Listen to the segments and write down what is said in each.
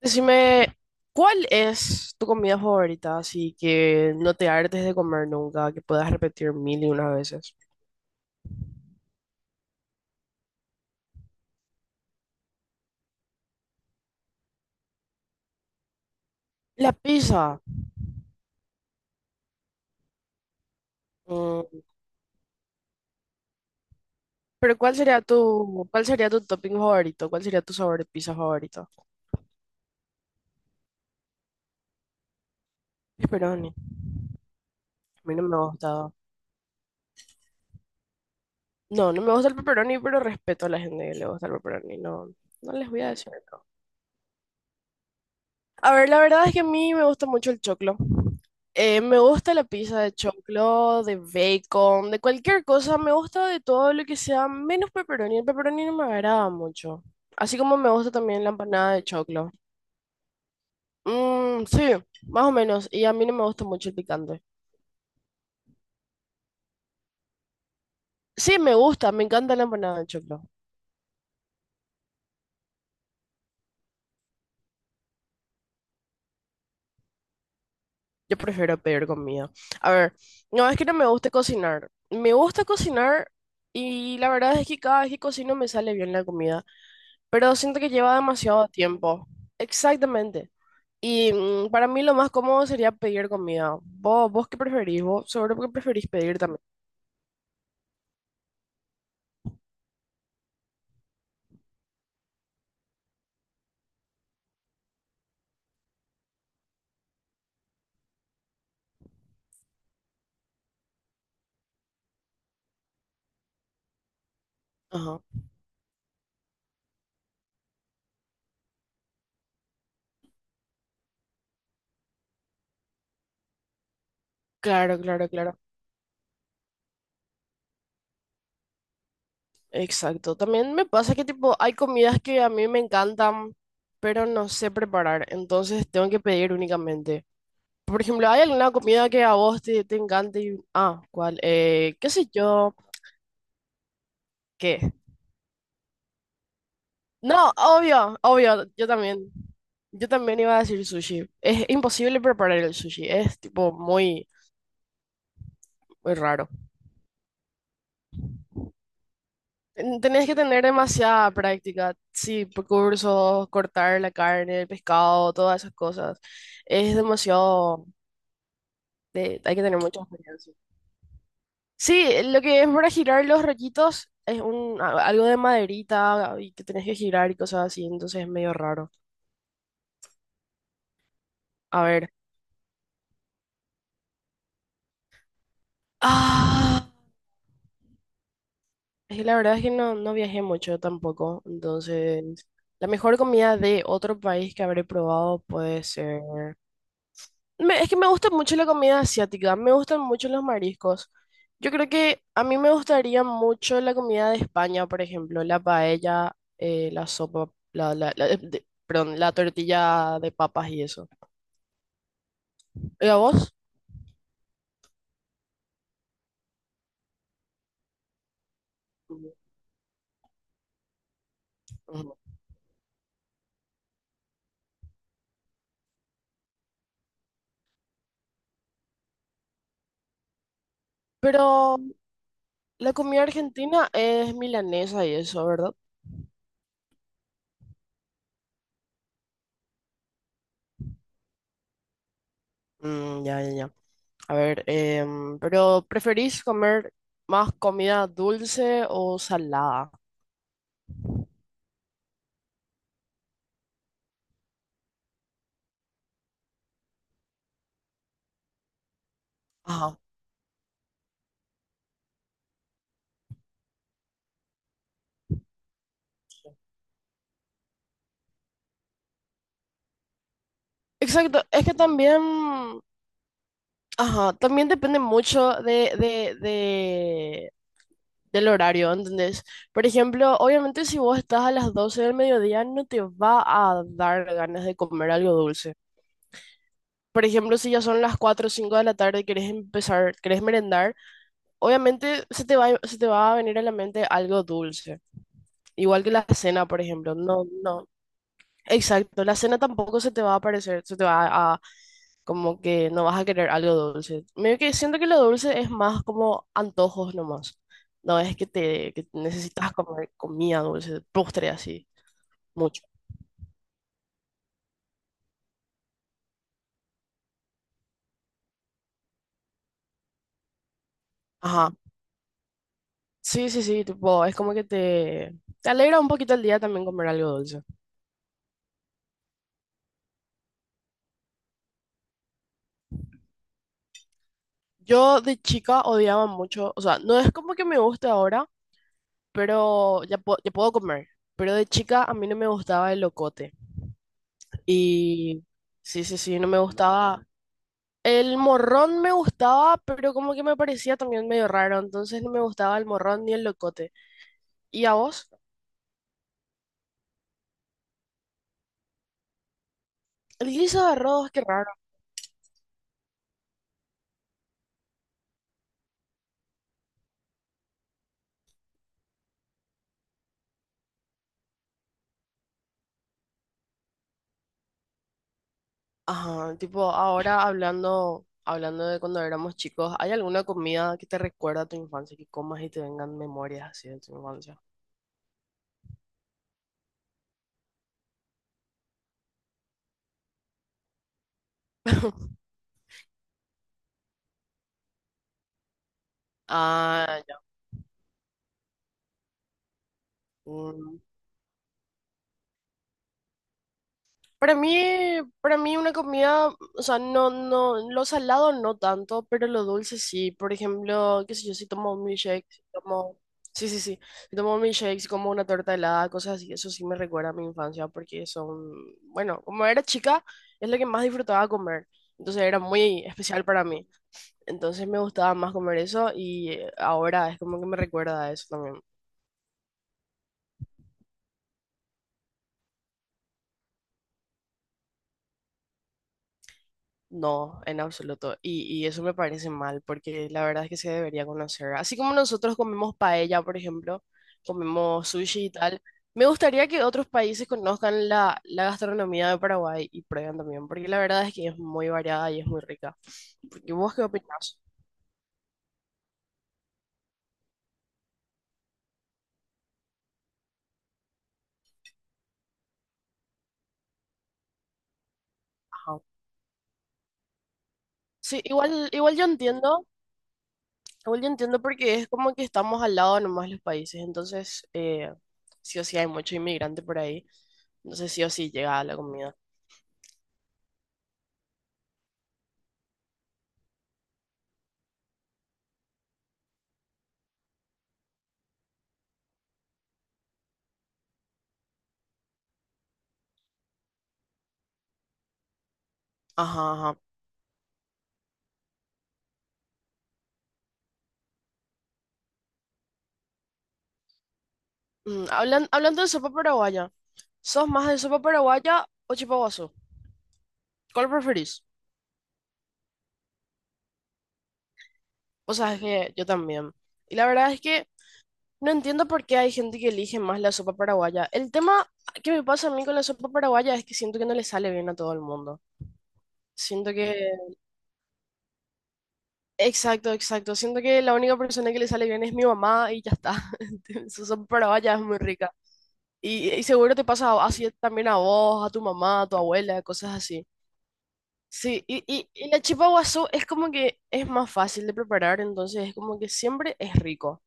Decime, ¿cuál es tu comida favorita? Así que no te hartes de comer nunca, que puedas repetir mil y unas veces. La pizza. Mm, pero ¿cuál sería tu topping favorito? ¿Cuál sería tu sabor de pizza favorito? Pepperoni. A mí no me gusta. No me gusta el pepperoni, pero respeto a la gente que le gusta el pepperoni. No, no les voy a decir. A ver, la verdad es que a mí me gusta mucho el choclo. Me gusta la pizza de choclo, de bacon, de cualquier cosa. Me gusta de todo lo que sea menos pepperoni. El pepperoni no me agrada mucho. Así como me gusta también la empanada de choclo. Mm, sí, más o menos. Y a mí no me gusta mucho el picante. Sí, me gusta, me encanta la empanada de choclo. Yo prefiero pedir comida. A ver, no es que no me guste cocinar. Me gusta cocinar y la verdad es que cada vez que cocino me sale bien la comida, pero siento que lleva demasiado tiempo. Exactamente. Y para mí lo más cómodo sería pedir comida. ¿Vos qué preferís? ¿Vos seguro que preferís pedir también? Ajá. Claro, claro, claro. Exacto. También me pasa que tipo hay comidas que a mí me encantan, pero no sé preparar, entonces tengo que pedir únicamente. Por ejemplo, ¿hay alguna comida que a vos te encante? Y ¿cuál? ¿Qué sé yo? ¿Qué? No, obvio, obvio, yo también. Yo también iba a decir sushi. Es imposible preparar el sushi, es tipo muy raro. Tenés que tener demasiada práctica, sí, por cursos, cortar la carne, el pescado, todas esas cosas. Es demasiado, hay que tener mucha experiencia. Sí, lo que es para girar los rollitos es algo de maderita y que tenés que girar y cosas así, entonces es medio raro. A ver. Ah, es que la verdad es que no viajé mucho tampoco, entonces la mejor comida de otro país que habré probado puede ser es que me gusta mucho la comida asiática, me gustan mucho los mariscos. Yo creo que a mí me gustaría mucho la comida de España, por ejemplo, la paella, la sopa, perdón, la tortilla de papas y eso. ¿Y a vos? Ujú. Ujú. Pero la comida argentina es milanesa y eso, ¿verdad? Mm, ya, ya, ya. A ver, pero ¿preferís comer más comida dulce o salada? Ajá. Exacto, es que también, ajá, también depende mucho del horario, ¿entendés? Por ejemplo, obviamente si vos estás a las 12 del mediodía no te va a dar ganas de comer algo dulce. Por ejemplo, si ya son las 4 o 5 de la tarde y querés empezar, querés merendar, obviamente se te va a venir a la mente algo dulce. Igual que la cena, por ejemplo. No, no. Exacto, la cena tampoco se te va a aparecer, se te va a, como que no vas a querer algo dulce. Medio que siento que lo dulce es más como antojos nomás. No es que necesitas comer comida dulce, postre así, mucho. Ajá. Sí, sí, sí, tipo, es como que te alegra un poquito el día también comer algo dulce. Yo de chica odiaba mucho, o sea, no es como que me guste ahora, pero ya, ya puedo comer. Pero de chica a mí no me gustaba el locote. Y sí, sí, sí, no me gustaba. El morrón me gustaba, pero como que me parecía también medio raro, entonces no me gustaba el morrón ni el locote. ¿Y a vos? El guiso de arroz, qué raro. Ajá, tipo, ahora hablando de cuando éramos chicos, ¿hay alguna comida que te recuerda a tu infancia, que comas y te vengan memorias así de tu infancia? Ah, ya. Mm. Para mí, para mí una comida, o sea, lo salado no tanto, pero lo dulce sí. Por ejemplo, qué sé yo, si tomo un milkshake, si tomo, sí, sí, sí, si tomo un milkshake, si como una torta helada, cosas así, eso sí me recuerda a mi infancia porque son, bueno, como era chica, es lo que más disfrutaba comer. Entonces era muy especial para mí. Entonces me gustaba más comer eso y ahora es como que me recuerda a eso también. No, en absoluto. Y eso me parece mal, porque la verdad es que se debería conocer. Así como nosotros comemos paella, por ejemplo, comemos sushi y tal, me gustaría que otros países conozcan la gastronomía de Paraguay y prueben también, porque la verdad es que es muy variada y es muy rica. ¿Y vos qué opinás? Ajá. Sí, igual yo entiendo, igual yo entiendo porque es como que estamos al lado nomás los países, entonces sí o sí hay mucho inmigrante por ahí, entonces sí o sí llega la comida. Ajá, ajá. Mm, hablando de sopa paraguaya, ¿sos más de sopa paraguaya o chipaguazú? ¿Cuál preferís? O sea, es que yo también. Y la verdad es que no entiendo por qué hay gente que elige más la sopa paraguaya. El tema que me pasa a mí con la sopa paraguaya es que siento que no le sale bien a todo el mundo. Siento que... Exacto, exacto. Siento que la única persona que le sale bien es mi mamá y ya está. Su sopa paraguaya es muy rica. Y seguro te pasa así también a vos, a tu mamá, a tu abuela, cosas así. Sí, y la chipa guazú es como que es más fácil de preparar, entonces es como que siempre es rico.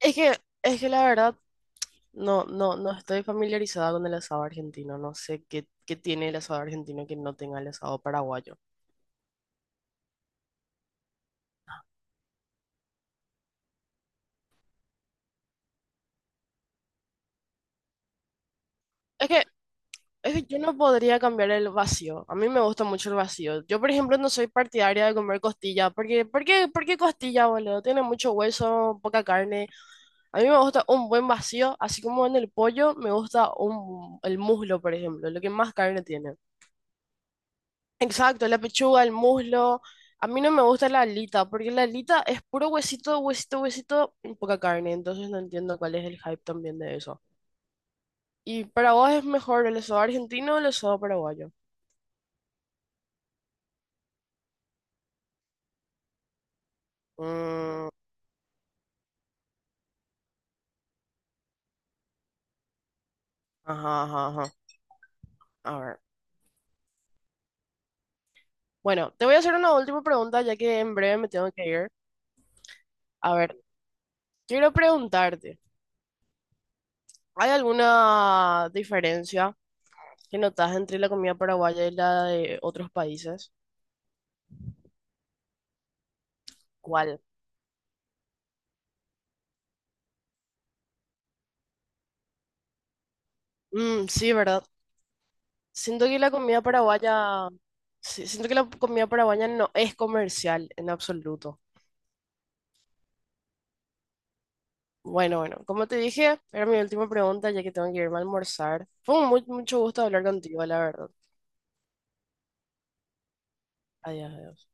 Es que, es que la verdad, no estoy familiarizada con el asado argentino, no sé qué tiene el asado argentino que no tenga el asado paraguayo. Es que, es que yo no podría cambiar el vacío, a mí me gusta mucho el vacío. Yo, por ejemplo, no soy partidaria de comer costilla, porque, por qué costilla, boludo? Tiene mucho hueso, poca carne. A mí me gusta un buen vacío, así como en el pollo me gusta el muslo, por ejemplo, lo que más carne tiene. Exacto, la pechuga, el muslo. A mí no me gusta la alita, porque la alita es puro huesito y poca carne, entonces no entiendo cuál es el hype también de eso. ¿Y para vos es mejor el asado argentino o el asado paraguayo? Mm, ajá. A ver. Bueno, te voy a hacer una última pregunta, ya que en breve me tengo que ir. A ver, quiero preguntarte, ¿hay alguna diferencia? ¿Qué notas entre la comida paraguaya y la de otros países? ¿Cuál? Mm, sí, ¿verdad? Siento que la comida paraguaya, sí, siento que la comida paraguaya no es comercial en absoluto. Bueno, bueno, como te dije, era mi última pregunta ya que tengo que irme a almorzar. Fue un mucho gusto hablar contigo, la verdad. Adiós, adiós.